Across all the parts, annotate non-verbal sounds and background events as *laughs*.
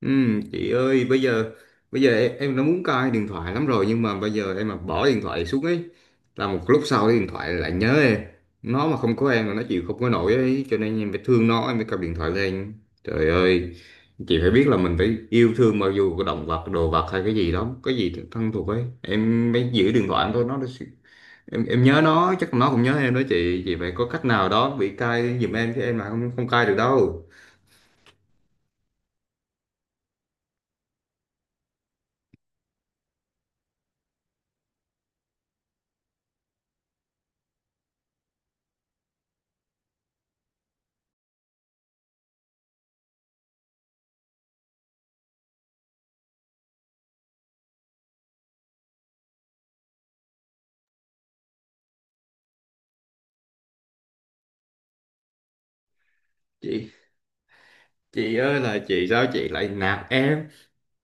Ừ, chị ơi, bây giờ em đã muốn cai điện thoại lắm rồi, nhưng mà bây giờ em mà bỏ điện thoại xuống ấy là một lúc sau cái điện thoại lại nhớ em. Nó mà không có em là nó chịu không có nổi ấy, cho nên em phải thương nó, em phải cầm điện thoại lên. Trời ơi, chị phải biết là mình phải yêu thương, mặc dù có động vật, đồ vật hay cái gì đó, cái gì thân thuộc ấy em mới giữ điện thoại em thôi. Nó, em nhớ nó, chắc nó cũng nhớ em đó chị. Chị phải có cách nào đó bị cai giùm em chứ, em là không không cai được đâu. Chị chị ơi là chị, sao chị lại nạt em?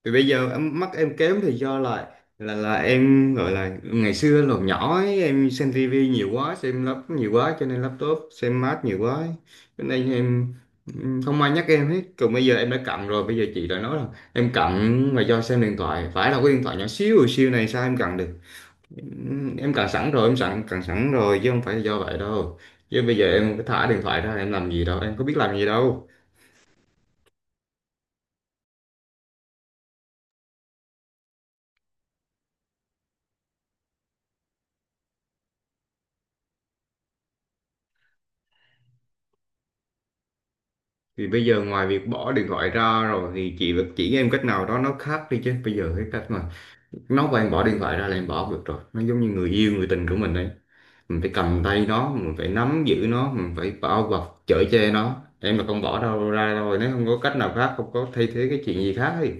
Thì bây giờ em mắt em kém thì do là, là em gọi là ngày xưa lúc nhỏ ấy, em xem tivi nhiều quá, xem laptop nhiều quá, cho nên laptop xem mát nhiều quá ấy. Cho nên em, không ai nhắc em hết. Còn bây giờ em đã cận rồi, bây giờ chị lại nói là em cận mà do xem điện thoại. Phải là cái điện thoại nhỏ xíu xíu này sao em cận được? Em cận sẵn rồi, em sẵn cận sẵn rồi chứ không phải là do vậy đâu. Chứ bây giờ em cứ thả điện thoại ra em làm gì đâu, em có biết làm gì đâu? Thì bây giờ ngoài việc bỏ điện thoại ra rồi thì chị vẫn chỉ em cách nào đó nó khác đi, chứ bây giờ cái cách mà nó bảo em bỏ điện thoại ra là em bỏ không được rồi. Nó giống như người yêu, người tình của mình đấy, mình phải cầm tay nó, mình phải nắm giữ nó, mình phải bao bọc chở che nó. Em mà không bỏ đâu ra, rồi nếu không có cách nào khác, không có thay thế cái chuyện gì khác thì...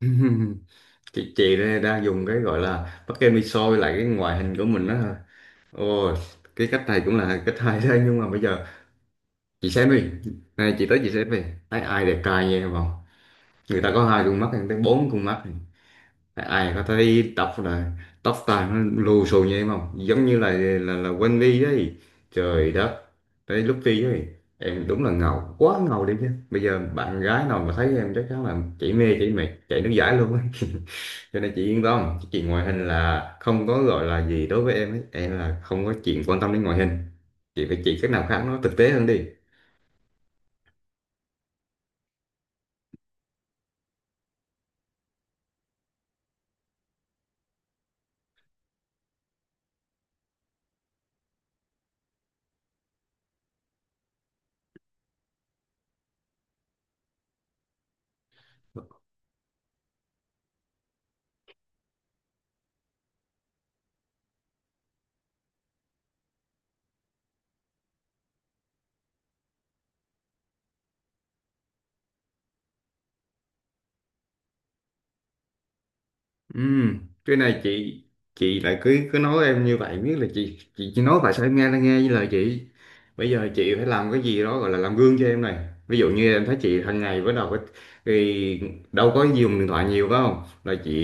*laughs* Chị, đây đang dùng cái gọi là bắt em đi soi lại cái ngoại hình của mình đó thôi. Ôi, cái cách này cũng là cách hay đấy, nhưng mà bây giờ chị xem đi, này chị tới chị xem đi, thấy ai đẹp trai nha em không? Người ta có hai con mắt, người ta bốn con mắt. Ai ai có thấy tóc là tóc tai nó lù xù như em không? Giống như là, là quên đi đấy. Trời đất. Tới lúc đi ấy, em đúng là ngầu quá ngầu đi, chứ bây giờ bạn gái nào mà thấy em chắc chắn là chỉ mê chỉ mệt chạy nước giải luôn ấy. *laughs* Cho nên chị yên tâm chị, ngoại hình là không có gọi là gì đối với em ấy, em là không có chuyện quan tâm đến ngoại hình. Chị phải chỉ cách nào khác nó thực tế hơn đi. Ừm, cái này chị lại cứ cứ nói em như vậy. Biết là chị chỉ nói vậy sao em nghe là nghe với lời chị. Bây giờ chị phải làm cái gì đó gọi là làm gương cho em này. Ví dụ như em thấy chị hàng ngày bắt đầu thì đâu có dùng điện thoại nhiều, phải không là chị.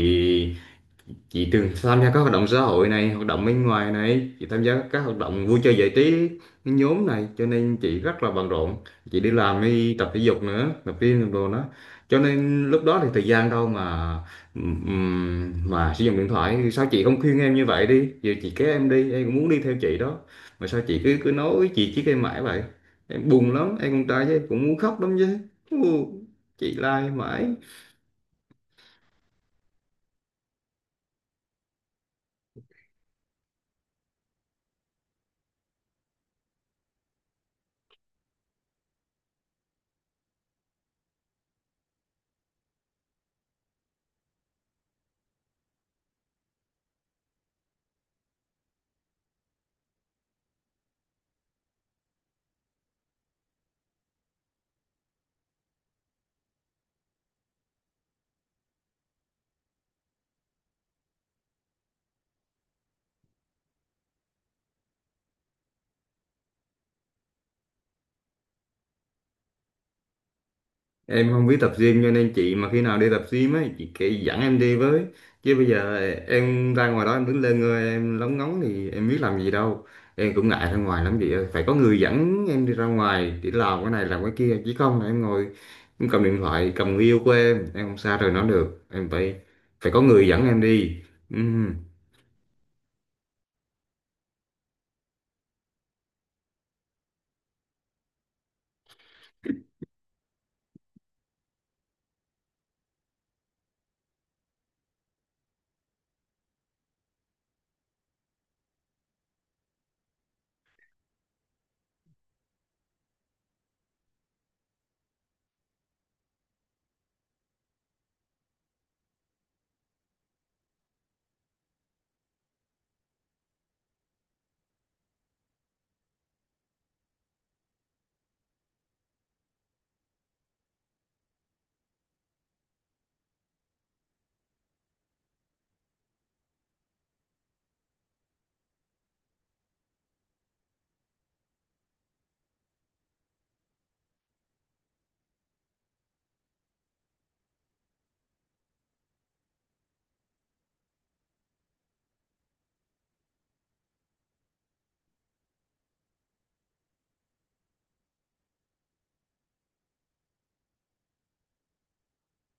Chị từng tham gia các hoạt động xã hội này, hoạt động bên ngoài này, chị tham gia các hoạt động vui chơi giải trí nhóm này, cho nên chị rất là bận rộn. Chị đi làm, đi tập thể dục nữa, tập gym đồ đó, cho nên lúc đó thì thời gian đâu mà sử dụng điện thoại. Sao chị không khuyên em như vậy đi? Giờ chị kéo em đi em cũng muốn đi theo chị đó, mà sao chị cứ cứ nói chị chỉ em mãi vậy? Em buồn lắm, em con trai chứ cũng muốn khóc lắm chứ. Ù, chị la em mãi. Em không biết tập gym, cho nên chị mà khi nào đi tập gym ấy chị kể dẫn em đi với. Chứ bây giờ em ra ngoài đó em đứng lên ngơi em lóng ngóng thì em biết làm gì đâu. Em cũng ngại ra ngoài lắm chị ơi, phải có người dẫn em đi ra ngoài để làm cái này làm cái kia, chứ không là em ngồi em cầm điện thoại, cầm người yêu của em không xa rời nó được, em phải phải có người dẫn em đi. Ừm,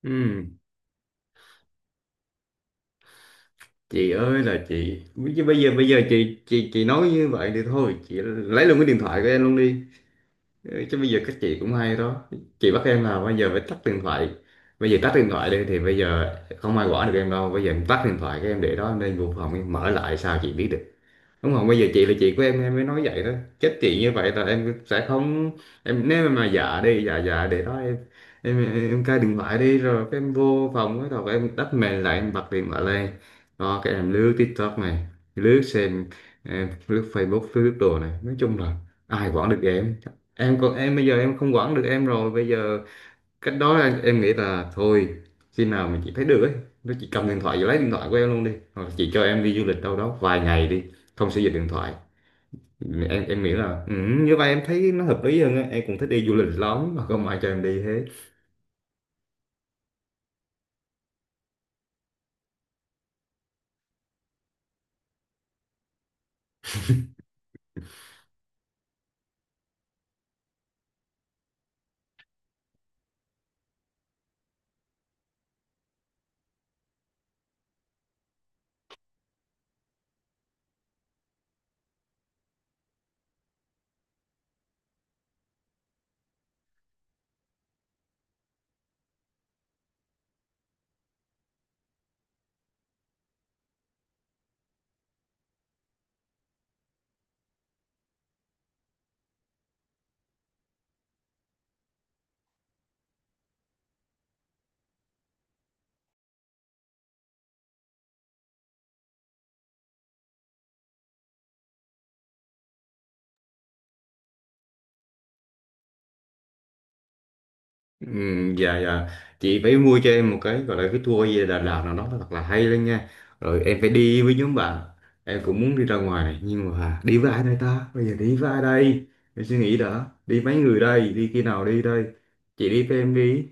ừm. Chị ơi là chị, chứ bây giờ chị nói như vậy thì thôi chị lấy luôn cái điện thoại của em luôn đi. Ừ, chứ bây giờ các chị cũng hay đó, chị bắt em là bây giờ phải tắt điện thoại. Bây giờ tắt điện thoại đi thì bây giờ không ai quản được em đâu, bây giờ em tắt điện thoại các em để đó em lên vô phòng em mở lại sao chị biết được? Đúng không? Bây giờ chị là chị của em mới nói vậy đó. Chết chị, như vậy là em sẽ không, em nếu mà dạ đi, dạ dạ để đó em cai điện thoại đi rồi cái em vô phòng cái đầu em đắp mền lại em bật điện thoại lên. Đó cái em lướt TikTok này, lướt xem, em lướt Facebook lướt đồ này, nói chung là ai quản được Em còn em bây giờ em không quản được em rồi bây giờ. Cách đó là em nghĩ là thôi, khi nào mình chỉ thấy được ấy nó chỉ cầm điện thoại và lấy điện thoại của em luôn đi, hoặc là chị cho em đi du lịch đâu đó vài ngày đi, không sử dụng điện thoại. Em nghĩ là, như vậy em thấy nó hợp lý hơn á, em cũng thích đi du lịch lắm mà không ai cho em đi thế. Ừ, dạ dạ. Chị phải mua cho em một cái gọi là cái tour về Đà Lạt nào đó, nó thật là hay lên nha, rồi em phải đi với nhóm bạn. Em cũng muốn đi ra ngoài này nhưng mà đi với ai đây ta, bây giờ đi với ai đây? Em suy nghĩ đã, đi mấy người đây, đi khi nào đi đây? Chị đi với em đi.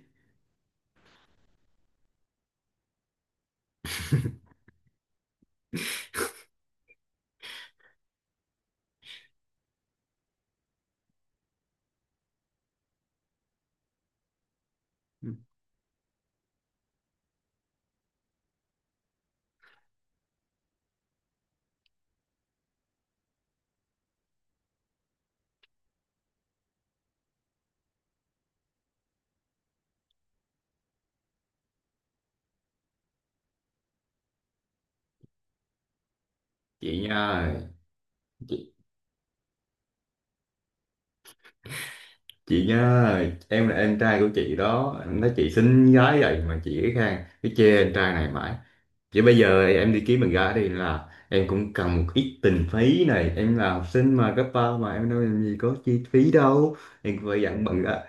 Chị nha ơi. Chị, chị nha ơi, em là em trai của chị đó, em nói chị xinh gái vậy mà chị cái khang cái chê em trai này mãi. Chứ bây giờ em đi kiếm bạn gái đi là em cũng cần một ít tình phí này, em là học sinh mà cấp ba mà em đâu làm gì có chi phí đâu. Em phải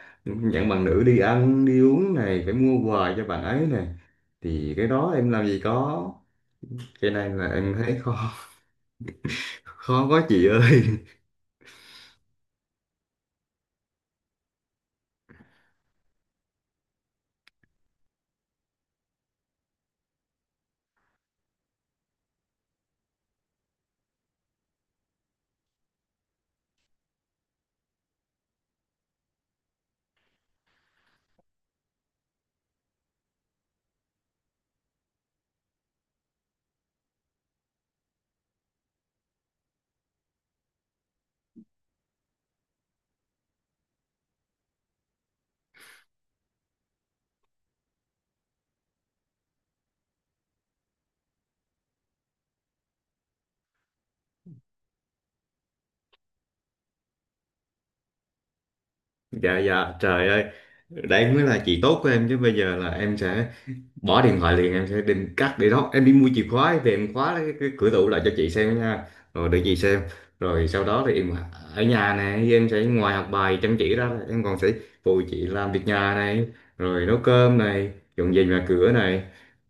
dặn bằng nữ đi ăn đi uống này, phải mua quà cho bạn ấy này, thì cái đó em làm gì có. Cái này là em thấy khó. Khó quá chị ơi. Dạ dạ, trời ơi, đấy mới là chị tốt của em chứ. Bây giờ là em sẽ bỏ điện thoại liền, em sẽ định cắt để đó em đi mua chìa khóa về em khóa cái cửa tủ lại cho chị xem nha. Rồi để chị xem, rồi sau đó thì em ở nhà này em sẽ ngoài học bài chăm chỉ ra em còn sẽ phụ chị làm việc nhà này, rồi nấu cơm này, dọn dẹp nhà cửa này.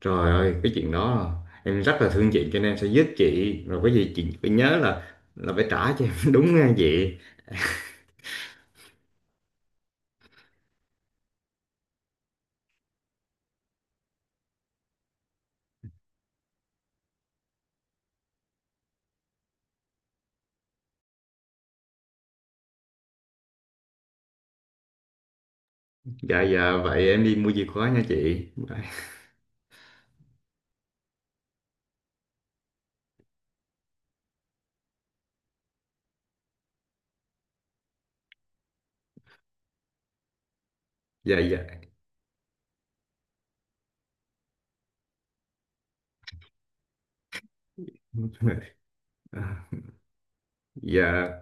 Trời ơi cái chuyện đó là em rất là thương chị cho nên em sẽ giúp chị, rồi cái gì chị phải nhớ là phải trả cho em *laughs* đúng nghe chị. Dạ dạ, vậy em đi mua chìa khóa nha chị. Dạ dạ. *laughs* À, dạ.